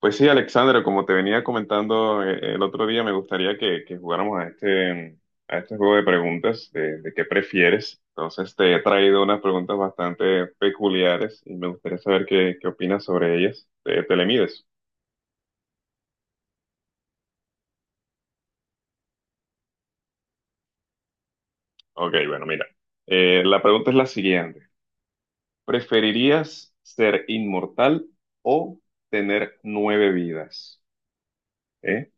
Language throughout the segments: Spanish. Pues sí, Alexandra, como te venía comentando el otro día, me gustaría que jugáramos a a este juego de preguntas de qué prefieres. Entonces te he traído unas preguntas bastante peculiares y me gustaría saber qué opinas sobre ellas. Te le mides? Ok, bueno, mira. La pregunta es la siguiente. ¿Preferirías ser inmortal o tener nueve vidas? ¿Eh?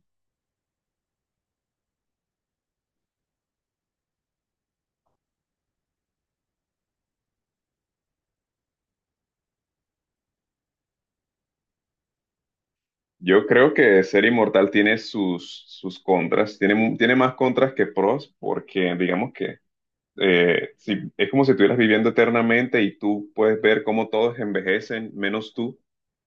Yo creo que ser inmortal tiene sus contras, tiene más contras que pros, porque digamos que si, es como si estuvieras viviendo eternamente y tú puedes ver cómo todos envejecen, menos tú,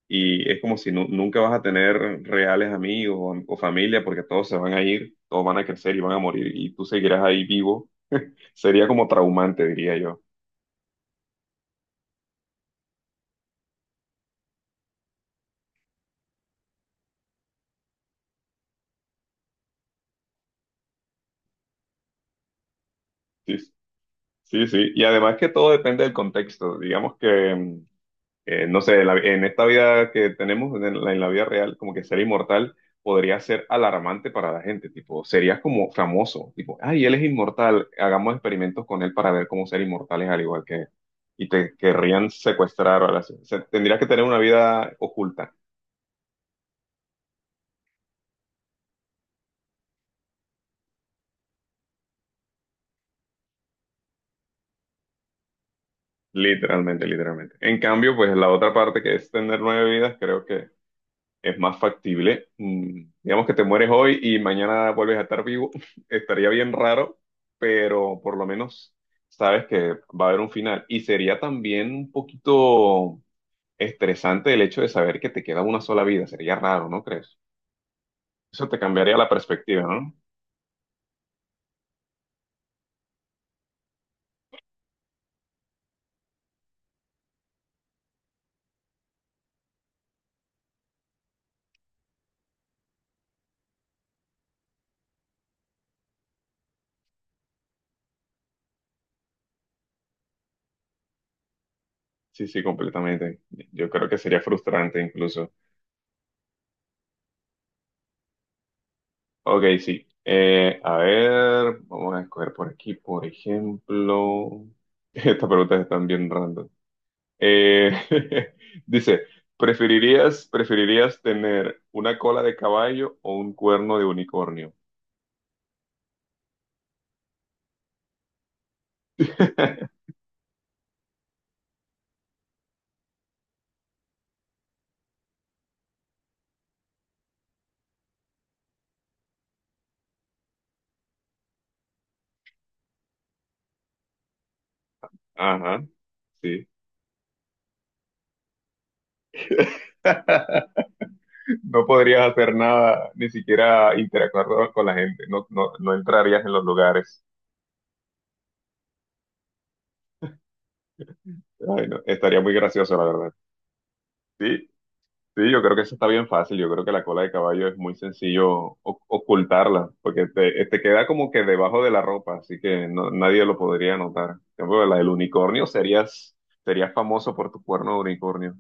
y es como si nunca vas a tener reales amigos o familia, porque todos se van a ir, todos van a crecer y van a morir, y tú seguirás ahí vivo. Sería como traumante, diría yo. Sí, sí, sí. Y además que todo depende del contexto. Digamos que... no sé, en esta vida que tenemos, en en la vida real, como que ser inmortal podría ser alarmante para la gente, tipo, serías como famoso, tipo, ay, él es inmortal, hagamos experimentos con él para ver cómo ser inmortales al igual que él. Y te querrían secuestrar o algo así. O sea, tendrías que tener una vida oculta, literalmente, literalmente. En cambio, pues la otra parte que es tener nueve vidas, creo que es más factible. Digamos que te mueres hoy y mañana vuelves a estar vivo. Estaría bien raro, pero por lo menos sabes que va a haber un final. Y sería también un poquito estresante el hecho de saber que te queda una sola vida. Sería raro, ¿no crees? Eso te cambiaría la perspectiva, ¿no? Sí, sí, completamente. Yo creo que sería frustrante incluso. Ok, sí. A ver, vamos a escoger por aquí, por ejemplo. Estas preguntas están bien random. Eh, dice, preferirías tener una cola de caballo o un cuerno de unicornio? Ajá, sí. No podrías hacer nada, ni siquiera interactuar con la gente, no entrarías en los lugares. Ay, no, estaría muy gracioso, la verdad. Sí, sí, yo creo que eso está bien fácil. Yo creo que la cola de caballo es muy sencillo ocultarla, porque te queda como que debajo de la ropa, así que nadie lo podría notar. En cambio, la del unicornio serías, serías famoso por tu cuerno de unicornio.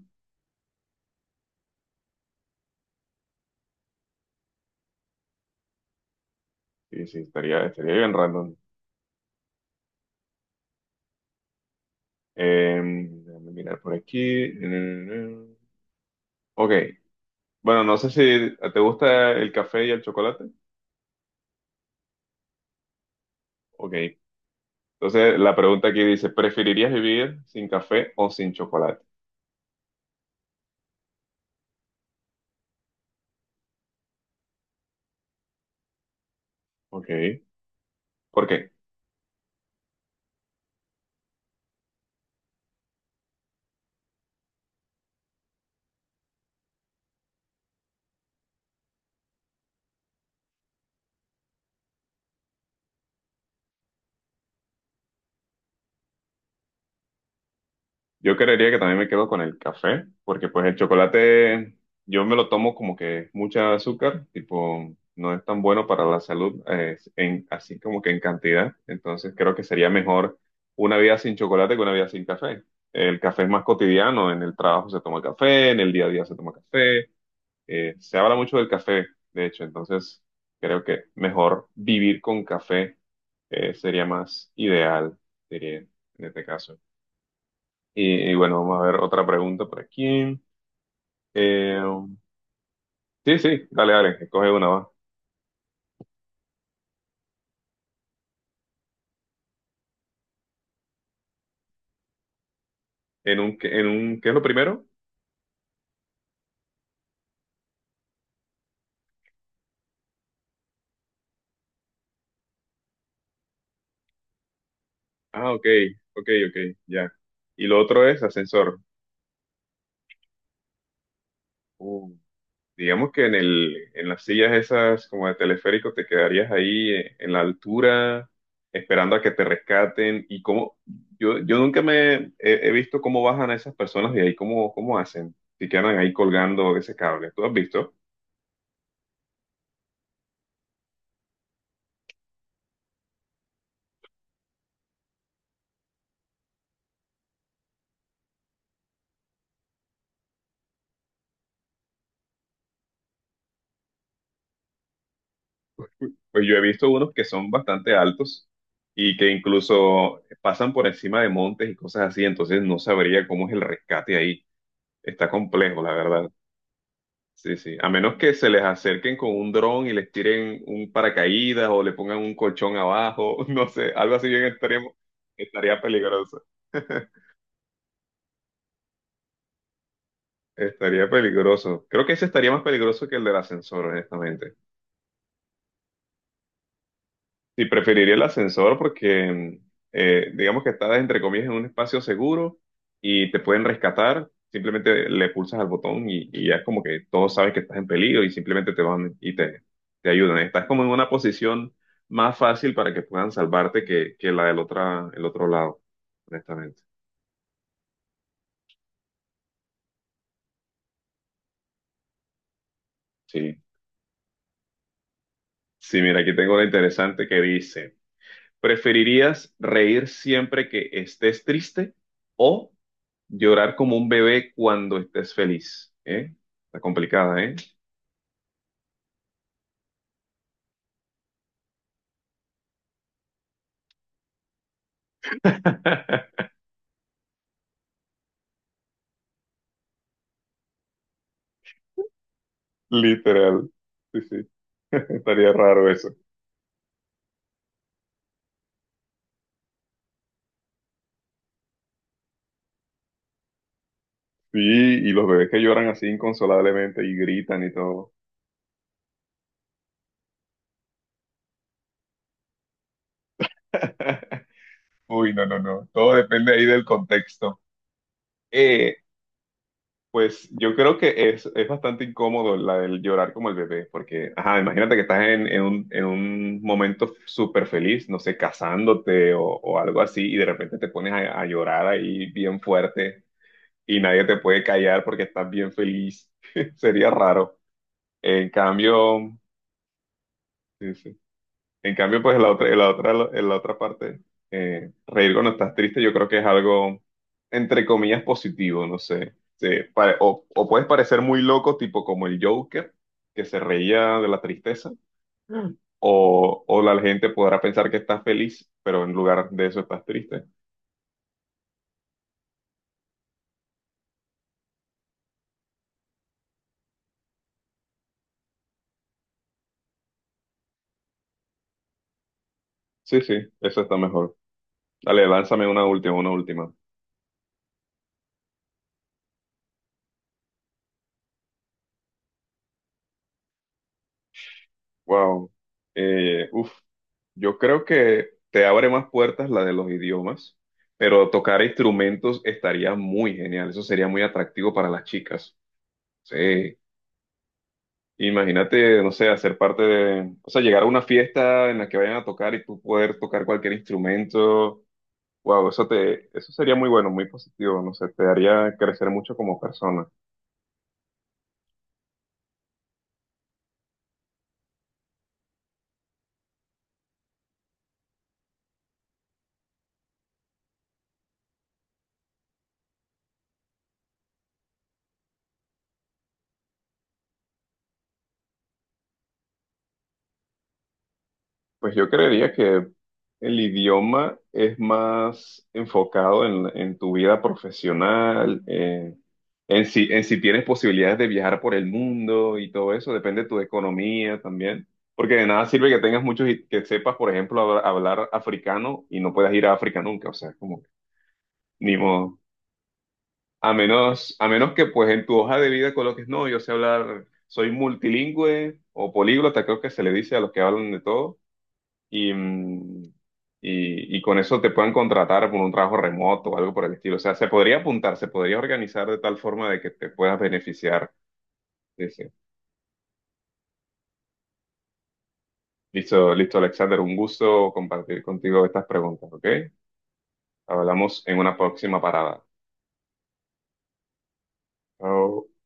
Sí, sí, estaría bien random. Déjame mirar por aquí. Ok, bueno, no sé si te gusta el café y el chocolate. Ok, entonces la pregunta aquí dice, ¿preferirías vivir sin café o sin chocolate? Ok, ¿por qué? Yo creería que también me quedo con el café, porque pues el chocolate yo me lo tomo como que mucha azúcar, tipo no es tan bueno para la salud, así como que en cantidad. Entonces creo que sería mejor una vida sin chocolate que una vida sin café. El café es más cotidiano, en el trabajo se toma café, en el día a día se toma café, se habla mucho del café, de hecho, entonces creo que mejor vivir con café sería más ideal, diría, en este caso. Y bueno, vamos a ver otra pregunta por aquí. Eh, sí, sí, dale, dale, coge una, va. En un, qué es lo primero? Ah, ok, ok, ok, ya. Y lo otro es ascensor. Uh, digamos que en las sillas esas como de teleférico te quedarías ahí en la altura esperando a que te rescaten. Y cómo, yo nunca he visto cómo bajan a esas personas de ahí, cómo, cómo hacen, si quedan ahí colgando ese cable. ¿Tú has visto? Pues yo he visto unos que son bastante altos y que incluso pasan por encima de montes y cosas así, entonces no sabría cómo es el rescate ahí. Está complejo, la verdad. Sí, sí. A menos que se les acerquen con un dron y les tiren un paracaídas o le pongan un colchón abajo, no sé, algo así bien extremo, estaría peligroso. Estaría peligroso. Creo que ese estaría más peligroso que el del ascensor, honestamente. Sí, preferiría el ascensor porque digamos que estás entre comillas en un espacio seguro y te pueden rescatar. Simplemente le pulsas al botón y ya es como que todos saben que estás en peligro y simplemente te van y te ayudan. Estás como en una posición más fácil para que puedan salvarte que la del otra, el otro lado, honestamente. Sí. Sí, mira, aquí tengo una interesante que dice. ¿Preferirías reír siempre que estés triste o llorar como un bebé cuando estés feliz? ¿Eh? Está complicada, ¿eh? Literal. Sí, sí, estaría raro eso. Sí, y los bebés que lloran así inconsolablemente y gritan y todo. Uy, no, no, no. Todo depende ahí del contexto. Eh, Pues yo creo que es bastante incómodo la del llorar como el bebé, porque, ajá, imagínate que estás en un momento súper feliz, no sé, casándote o algo así, y de repente te pones a llorar ahí bien fuerte y nadie te puede callar porque estás bien feliz. Sería raro. En cambio, sí, sí. En cambio, pues en en la otra parte, reír cuando estás triste, yo creo que es algo, entre comillas, positivo, no sé. O puedes parecer muy loco, tipo como el Joker, que se reía de la tristeza, o la gente podrá pensar que estás feliz, pero en lugar de eso estás triste. Sí, sí, eso está mejor. Dale, lánzame una última, una última. Wow. Eh, uf, yo creo que te abre más puertas la de los idiomas, pero tocar instrumentos estaría muy genial. Eso sería muy atractivo para las chicas. Sí. Imagínate, no sé, hacer parte de, o sea, llegar a una fiesta en la que vayan a tocar y tú poder tocar cualquier instrumento. Wow, eso sería muy bueno, muy positivo. No sé, te haría crecer mucho como persona. Pues yo creería que el idioma es más enfocado en tu vida profesional, en si tienes posibilidades de viajar por el mundo y todo eso, depende de tu economía también. Porque de nada sirve que tengas muchos, que sepas, por ejemplo, hablar africano y no puedas ir a África nunca, o sea, como, que, ni modo. A menos que pues en tu hoja de vida coloques, no, yo sé hablar, soy multilingüe o políglota, creo que se le dice a los que hablan de todo y, mm, y con eso te puedan contratar por un trabajo remoto o algo por el estilo. O sea, se podría apuntar, se podría organizar de tal forma de que te puedas beneficiar de ese. Listo, listo, Alexander, un gusto compartir contigo estas preguntas, ¿ok? Hablamos en una próxima parada. Chao.